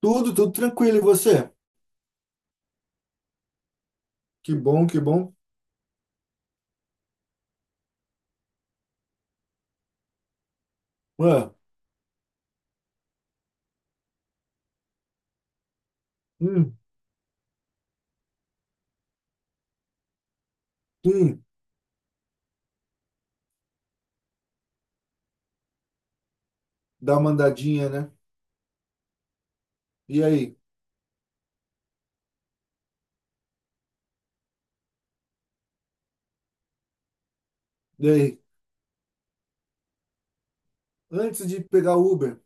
Tudo, tudo tranquilo. E você? Que bom, que bom. Ué, hum, hum, dá uma andadinha, né? E aí? E aí? Antes de pegar o Uber,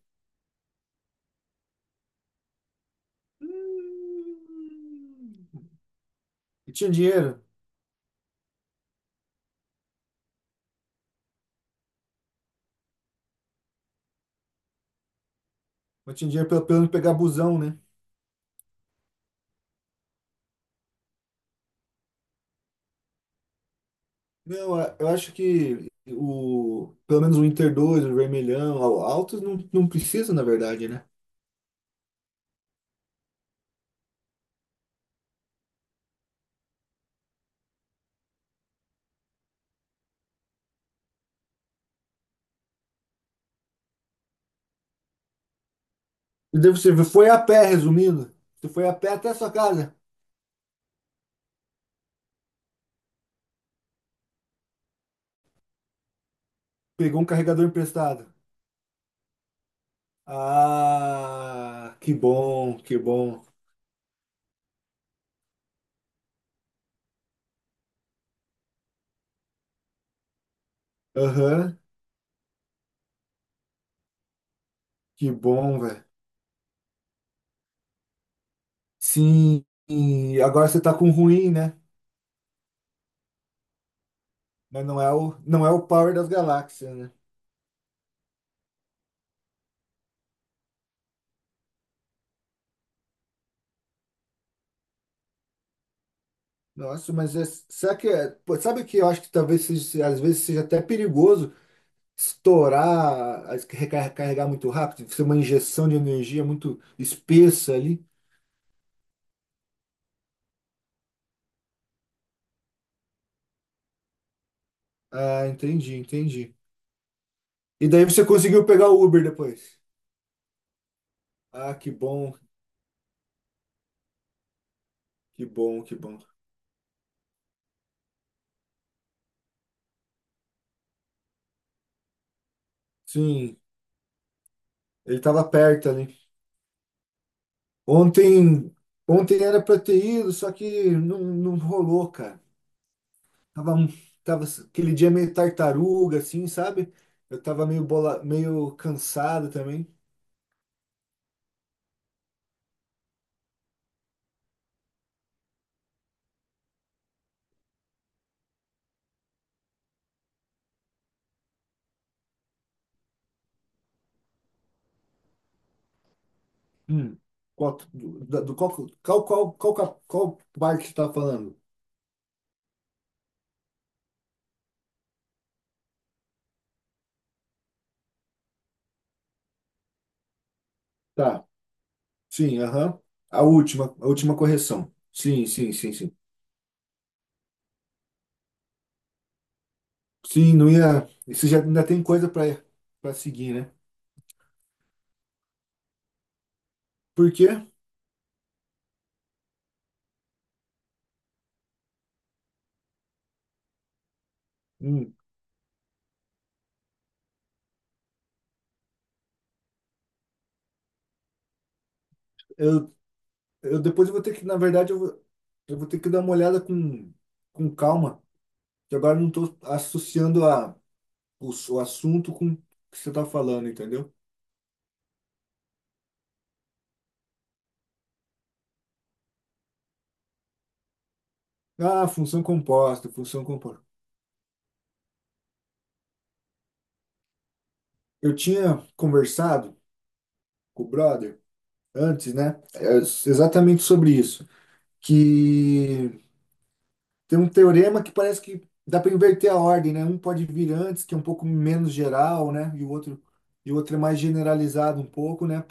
hum, eu tinha dinheiro. Eu tinha dinheiro pelo menos pegar busão, né? Não, eu acho que o, pelo menos o Inter 2 o Vermelhão, o Altos não, não precisa, na verdade, né? E daí você foi a pé, resumindo. Você foi a pé até a sua casa. Pegou um carregador emprestado. Ah, que bom, que bom. Aham, que bom, velho. Sim, e agora você tá com ruim, né? Mas não é o Power das Galáxias, né? Nossa, mas é, será que é, pô, sabe que eu acho que talvez seja, às vezes seja até perigoso estourar, recarregar carregar muito rápido, ser uma injeção de energia muito espessa ali. Ah, entendi, entendi. E daí você conseguiu pegar o Uber depois. Ah, que bom, que bom, que bom. Sim, ele tava perto. Ontem, ontem era pra ter ido, só que não, não rolou, cara. Tava, um- Tava aquele dia meio tartaruga, assim, sabe? Eu tava meio bola, meio cansado também. Hum. Qual, do, da- do qual, qual, qual, qual, cap- qual parte que tá falando? Tá, sim, aham. A última correção. Sim, sim, sim, sim. Sim, não ia. Isso já ainda tem coisa pra para seguir, né? Por quê? Hum. eu Eu depois eu vou ter que, na verdade, eu vou ter que dar uma olhada com calma, que agora eu não estou associando o assunto com o que você está falando, entendeu? Ah, função composta, função composta. Eu tinha conversado com o brother antes, né? Exatamente sobre isso. Que tem um teorema que parece que dá para inverter a ordem, né? Um pode vir antes, que é um pouco menos geral, né? E o outro é mais generalizado um pouco, né?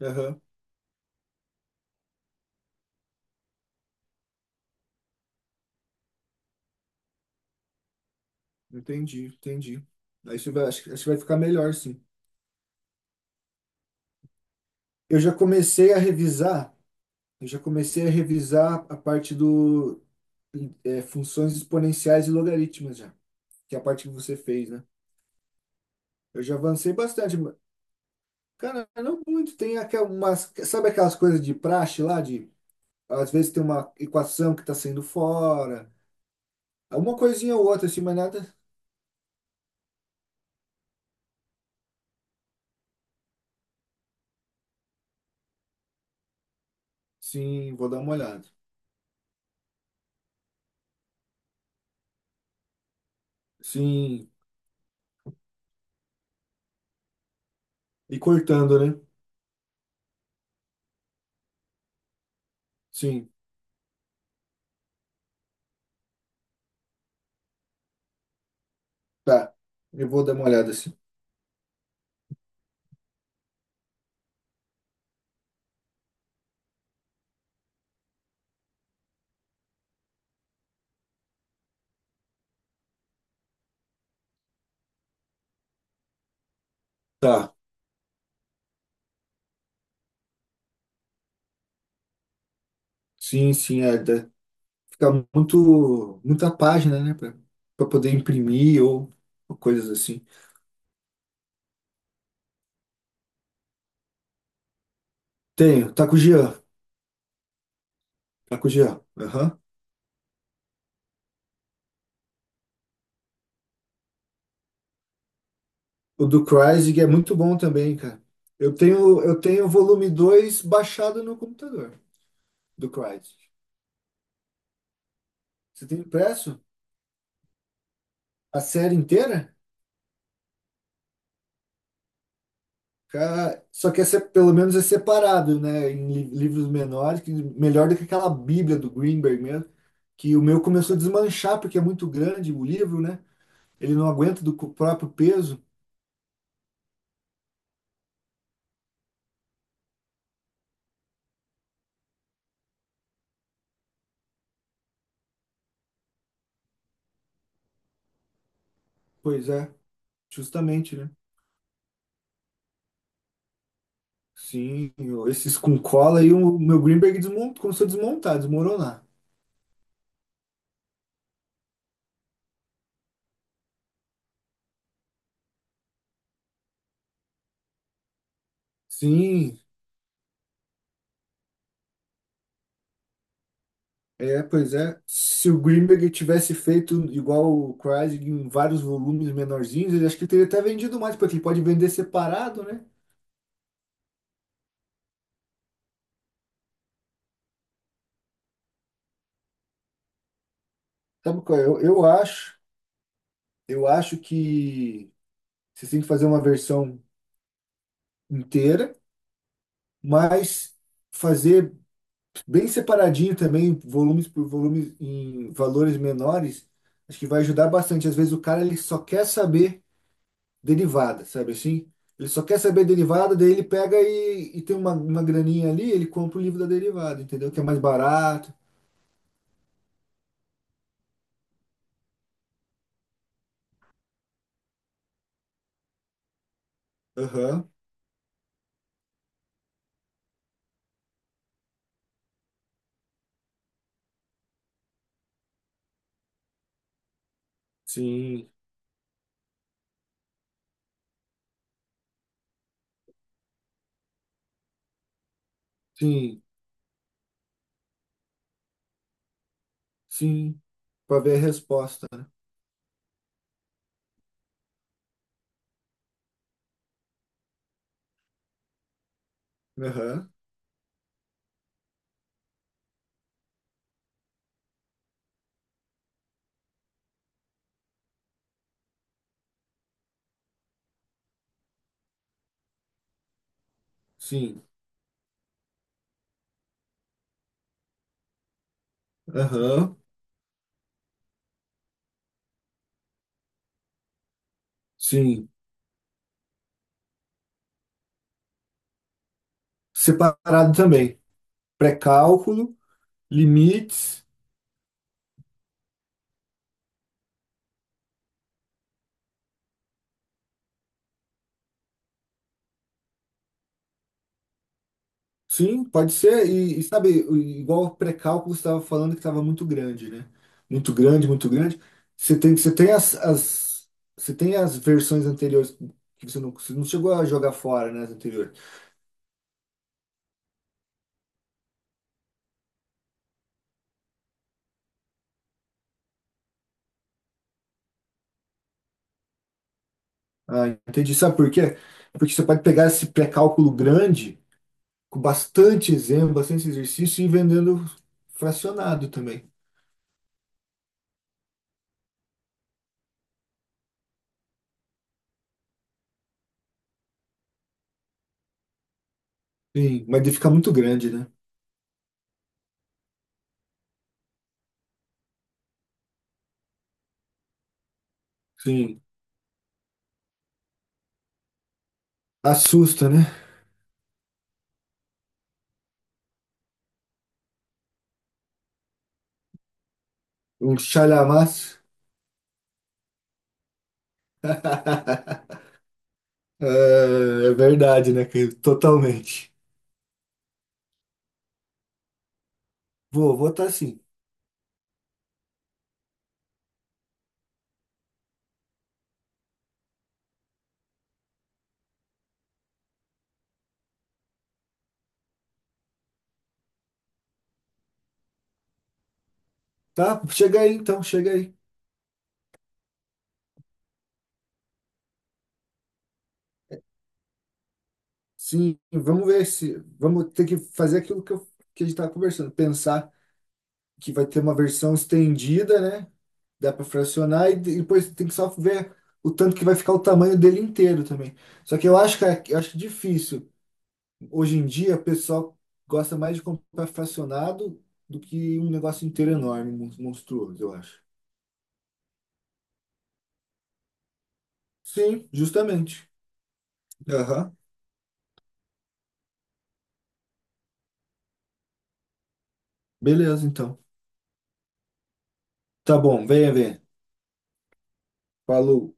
Aham. Entendi, entendi. Aí Isso vai, acho que vai ficar melhor, sim. Eu já comecei a revisar, eu já comecei a revisar a parte do funções exponenciais e logaritmas já, que é a parte que você fez, né? Eu já avancei bastante, mas, cara, não muito. Tem aquelas, sabe aquelas coisas de praxe lá, de às vezes tem uma equação que está saindo fora, alguma coisinha ou outra assim, mas nada. Sim, vou dar uma olhada. Sim, e cortando, né? Sim, tá. Eu vou dar uma olhada assim. Tá. Sim, sim, fica muito, muita página, né, pra, pra poder imprimir ou coisas assim. Tenho, tá com o Jean, tá com o Jean, aham. O do Cryzig é muito bom também, cara. Eu tenho o volume 2 baixado no computador do Cryzig. Você tem impresso a série inteira? Cara, só que pelo menos é separado, né, em livros menores, que melhor do que aquela Bíblia do Greenberg mesmo, que o meu começou a desmanchar porque é muito grande o livro, né? Ele não aguenta do próprio peso? Pois é, justamente, né? Sim, esses com cola e o meu Greenberg começou a desmontar, desmoronar. Sim, é, pois é. Se o Greenberg tivesse feito igual o Kreisig em vários volumes menorzinhos, ele acho que teria até vendido mais, porque ele pode vender separado, né? Sabe qual é? Eu acho, eu acho que você tem que fazer uma versão inteira, mas fazer bem separadinho também, volumes por volumes em valores menores, acho que vai ajudar bastante. Às vezes o cara ele só quer saber derivada, sabe assim? Ele só quer saber derivada, daí ele pega e tem uma graninha ali, ele compra o livro da derivada, entendeu? Que é mais barato. Aham. Sim, sim, sim. Para ver a resposta, né? Aham. Sim. Aham. Sim. Separado também. Pré-cálculo, limites. Sim, pode ser. E sabe, igual o pré-cálculo que você estava falando que estava muito grande, né? Muito grande, muito grande. Você tem, você tem as, as, você tem as versões anteriores que você não chegou a jogar fora, né, as anteriores. Ah, entendi. Sabe por quê? Porque você pode pegar esse pré-cálculo grande, com bastante exemplo, bastante exercício, e ir vendendo fracionado também. Sim, mas ele fica muito grande, né? Sim. Assusta, né? Um chalhamaço. É, é verdade, né, Caio? Totalmente. Vou, vou estar sim. Tá? Chega aí então, chega aí. Sim, vamos ver se. Vamos ter que fazer aquilo que a gente estava conversando. Pensar que vai ter uma versão estendida, né? Dá para fracionar e depois tem que só ver o tanto que vai ficar o tamanho dele inteiro também. Só que eu acho eu acho difícil. Hoje em dia, o pessoal gosta mais de comprar fracionado do que um negócio inteiro enorme, monstruoso, eu acho. Sim, justamente. Aham. Beleza, então. Tá bom, venha ver. Falou.